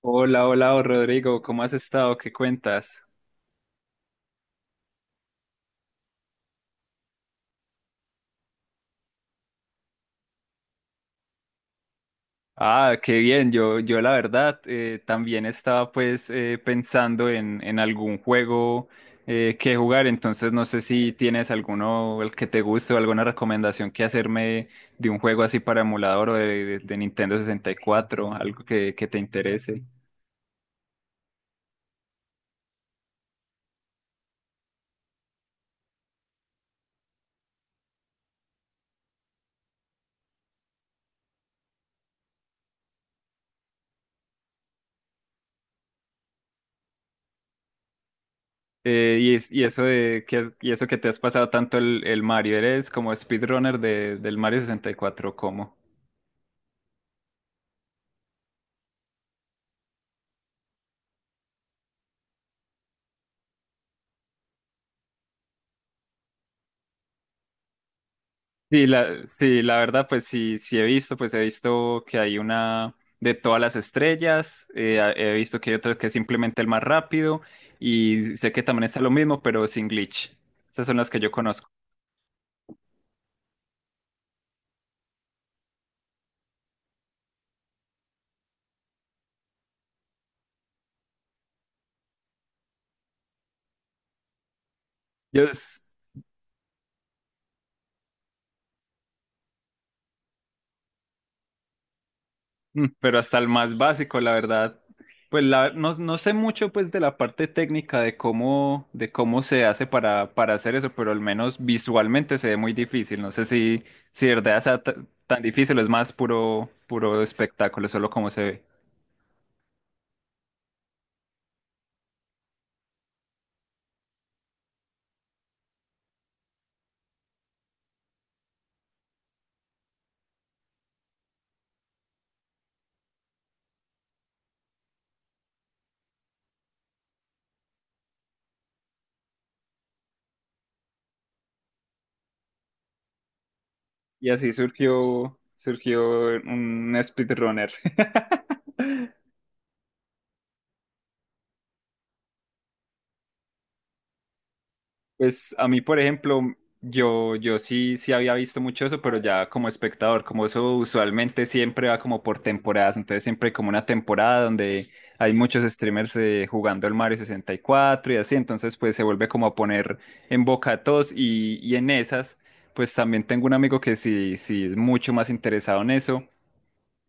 Hola, hola, oh, Rodrigo, ¿cómo has estado? ¿Qué cuentas? Ah, qué bien, yo la verdad también estaba pensando en algún juego que jugar, entonces no sé si tienes alguno el que te guste o alguna recomendación que hacerme de un juego así para emulador o de Nintendo 64, algo que te interese. Y y eso que te has pasado tanto el Mario, ¿eres como speedrunner del Mario sesenta y cuatro? ¿Cómo? Sí, la verdad, pues sí he visto, pues he visto que hay una de todas las estrellas, he visto que hay otra que es simplemente el más rápido, y sé que también está lo mismo, pero sin glitch. Esas son las que yo conozco. Yo, Pero hasta el más básico, la verdad. No, no sé mucho pues de la parte técnica de cómo se hace para hacer eso, pero al menos visualmente se ve muy difícil. No sé si, si de verdad sea tan difícil, es más puro, puro espectáculo, solo cómo se ve. Y así surgió, surgió un speedrunner. Pues a mí, por ejemplo, yo sí había visto mucho eso, pero ya como espectador, como eso usualmente siempre va como por temporadas, entonces siempre hay como una temporada donde hay muchos streamers jugando el Mario 64 y cuatro y así, entonces pues se vuelve como a poner en boca de todos y en esas, pues también tengo un amigo que sí es mucho más interesado en eso.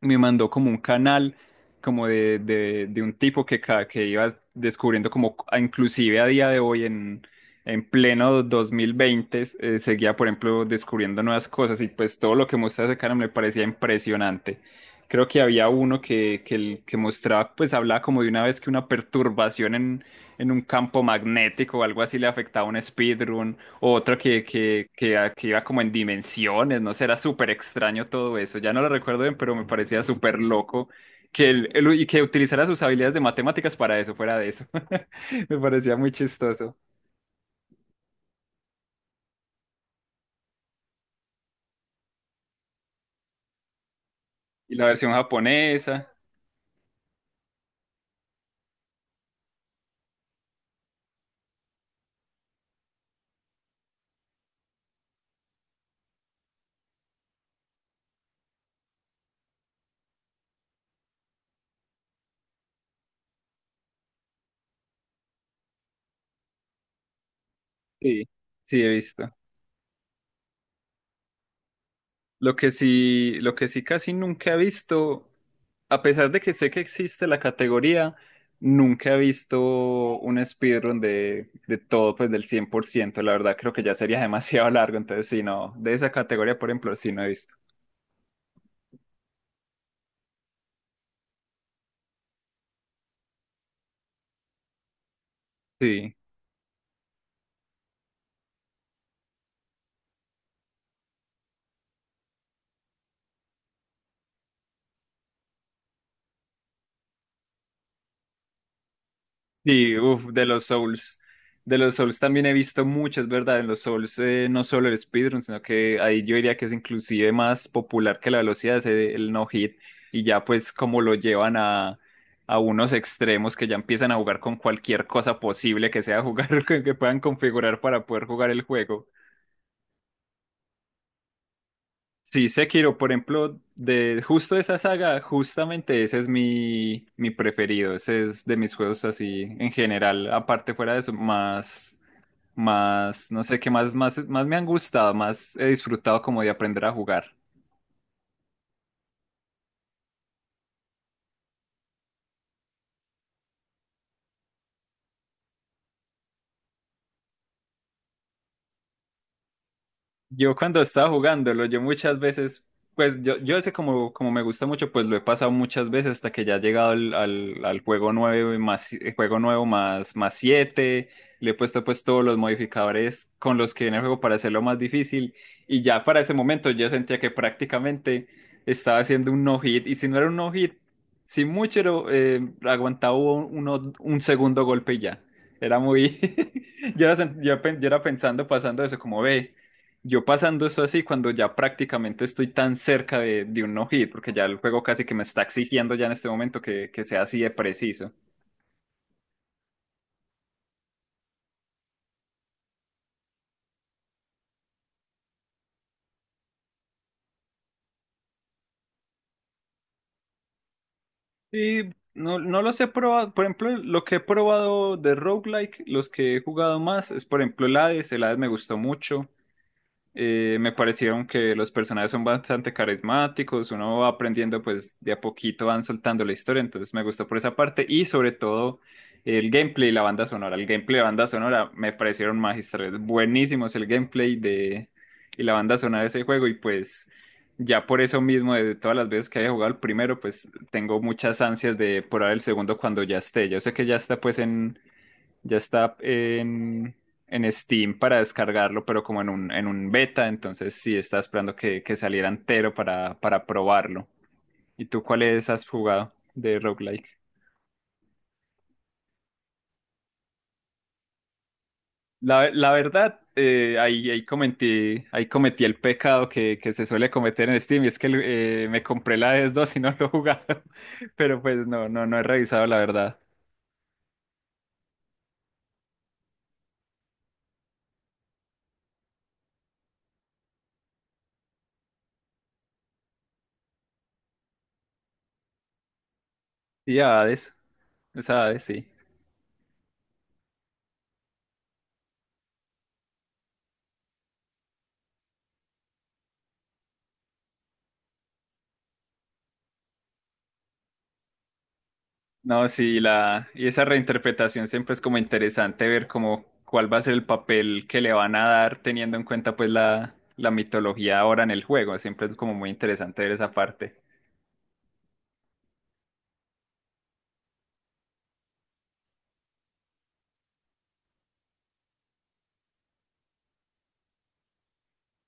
Me mandó como un canal como de un tipo que iba descubriendo como inclusive a día de hoy en pleno 2020 seguía por ejemplo descubriendo nuevas cosas y pues todo lo que mostraba ese canal me parecía impresionante. Creo que había uno que mostraba, pues hablaba como de una vez que una perturbación en un campo magnético o algo así le afectaba a un speedrun. Otro que iba como en dimensiones, no sé, era súper extraño todo eso. Ya no lo recuerdo bien, pero me parecía súper loco que y que utilizara sus habilidades de matemáticas para eso, fuera de eso. Me parecía muy chistoso. Y la versión japonesa. Sí. Sí, he visto. Lo que sí casi nunca he visto, a pesar de que sé que existe la categoría, nunca he visto un speedrun de todo, pues del 100%. La verdad creo que ya sería demasiado largo, entonces sí, no, de esa categoría, por ejemplo, sí no he visto. Sí. Sí, uff, de los Souls. De los Souls también he visto muchas, ¿verdad? En los Souls, no solo el speedrun, sino que ahí yo diría que es inclusive más popular que la velocidad, es el no hit. Y ya pues como lo llevan a unos extremos que ya empiezan a jugar con cualquier cosa posible que sea jugar, que puedan configurar para poder jugar el juego. Sí, Sekiro, por ejemplo, de justo esa saga, justamente ese es mi preferido. Ese es de mis juegos así en general. Aparte fuera de eso, no sé qué más me han gustado, más he disfrutado como de aprender a jugar. Yo cuando estaba jugándolo, pues yo ese como, como me gusta mucho, pues lo he pasado muchas veces hasta que ya he llegado al juego nueve más, juego nuevo más, más siete, le he puesto pues todos los modificadores con los que viene el juego para hacerlo más difícil, y ya para ese momento yo sentía que prácticamente estaba haciendo un no-hit, y si no era un no-hit, sin mucho era, aguantaba un segundo golpe y ya. Era muy… yo era pensando, pasando eso, como ve. Yo pasando eso así cuando ya prácticamente estoy tan cerca de un no-hit, porque ya el juego casi que me está exigiendo ya en este momento que sea así de preciso. Y no, no los he probado, por ejemplo, lo que he probado de roguelike, los que he jugado más, es por ejemplo el Hades me gustó mucho. Me parecieron que los personajes son bastante carismáticos, uno va aprendiendo pues de a poquito van soltando la historia, entonces me gustó por esa parte y sobre todo el gameplay y la banda sonora. El gameplay y la banda sonora me parecieron magistrales, buenísimos el gameplay de y la banda sonora de ese juego. Y pues ya por eso mismo de todas las veces que haya jugado el primero pues tengo muchas ansias de probar el segundo cuando ya esté. Yo sé que ya está pues en ya está en Steam para descargarlo, pero como en un beta, entonces sí estaba esperando que saliera entero para probarlo. ¿Y tú cuáles has jugado de roguelike? La verdad, ahí, ahí cometí el pecado que se suele cometer en Steam y es que me compré la Hades 2 y no lo he jugado, pero pues no he revisado la verdad. Y Hades, esa Hades sí. No, sí, la, y esa reinterpretación siempre es como interesante ver como cuál va a ser el papel que le van a dar teniendo en cuenta pues la mitología ahora en el juego. Siempre es como muy interesante ver esa parte.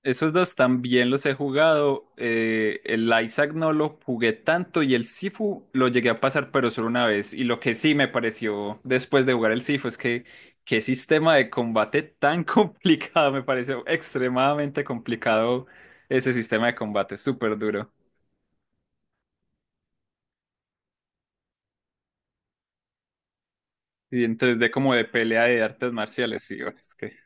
Esos dos también los he jugado. Eh, el Isaac no lo jugué tanto y el Sifu lo llegué a pasar pero solo una vez. Y lo que sí me pareció después de jugar el Sifu es que qué sistema de combate tan complicado. Me pareció extremadamente complicado ese sistema de combate, súper duro. Y en 3D como de pelea de artes marciales, sí, bueno, es que…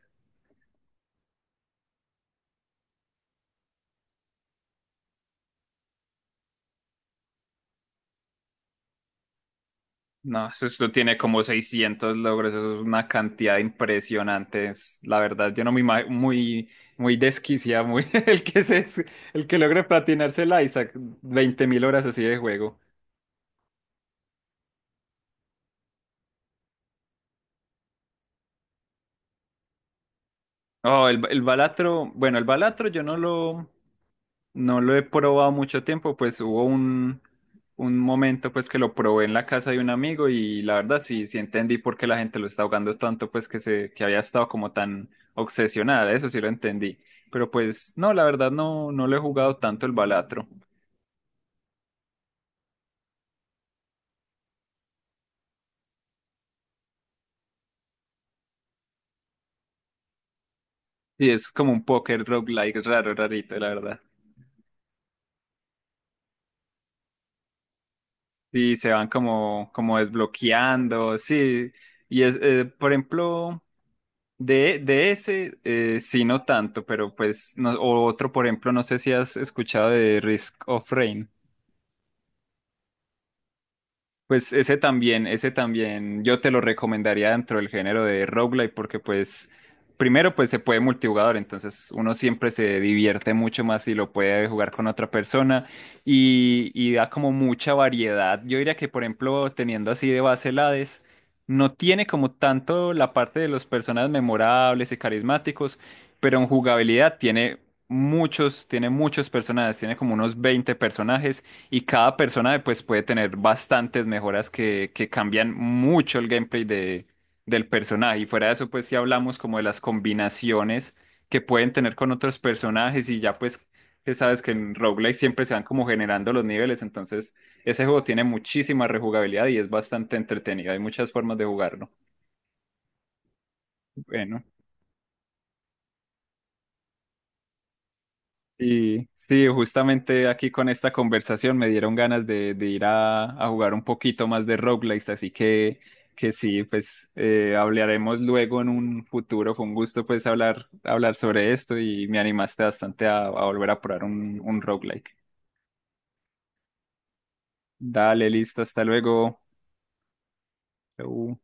No, esto tiene como 600 logros, eso es una cantidad impresionante. La verdad, yo no me imagino, muy desquiciada, muy, el que se, el que logre platinarse el Isaac, veinte mil horas así de juego. Oh, el Balatro, bueno, el Balatro yo no lo, no lo he probado mucho tiempo, pues hubo un momento pues que lo probé en la casa de un amigo y la verdad sí entendí por qué la gente lo está jugando tanto, pues que había estado como tan obsesionada, eso sí lo entendí. Pero pues no, la verdad no lo he jugado tanto el Balatro. Y es como un póker roguelike raro, rarito, la verdad. Y se van como, como desbloqueando, sí. Y es, por ejemplo, de ese, sí, no tanto, pero pues, no- o otro, por ejemplo, no sé si has escuchado de Risk of Rain. Pues ese también yo te lo recomendaría dentro del género de roguelike porque pues primero pues se puede multijugador, entonces uno siempre se divierte mucho más si lo puede jugar con otra persona, y da como mucha variedad. Yo diría que por ejemplo teniendo así de base el Hades, no tiene como tanto la parte de los personajes memorables y carismáticos, pero en jugabilidad tiene muchos personajes, tiene como unos 20 personajes y cada persona pues puede tener bastantes mejoras que cambian mucho el gameplay del personaje. Y fuera de eso pues si hablamos como de las combinaciones que pueden tener con otros personajes y ya pues que sabes que en roguelike siempre se van como generando los niveles. Entonces ese juego tiene muchísima rejugabilidad y es bastante entretenido. Hay muchas formas de jugarlo. Bueno. Y sí, justamente aquí con esta conversación me dieron ganas de ir a jugar un poquito más de roguelikes, así que sí, pues hablaremos luego en un futuro. Fue un gusto pues hablar, hablar sobre esto y me animaste bastante a volver a probar un roguelike. Dale, listo, hasta luego. Chau.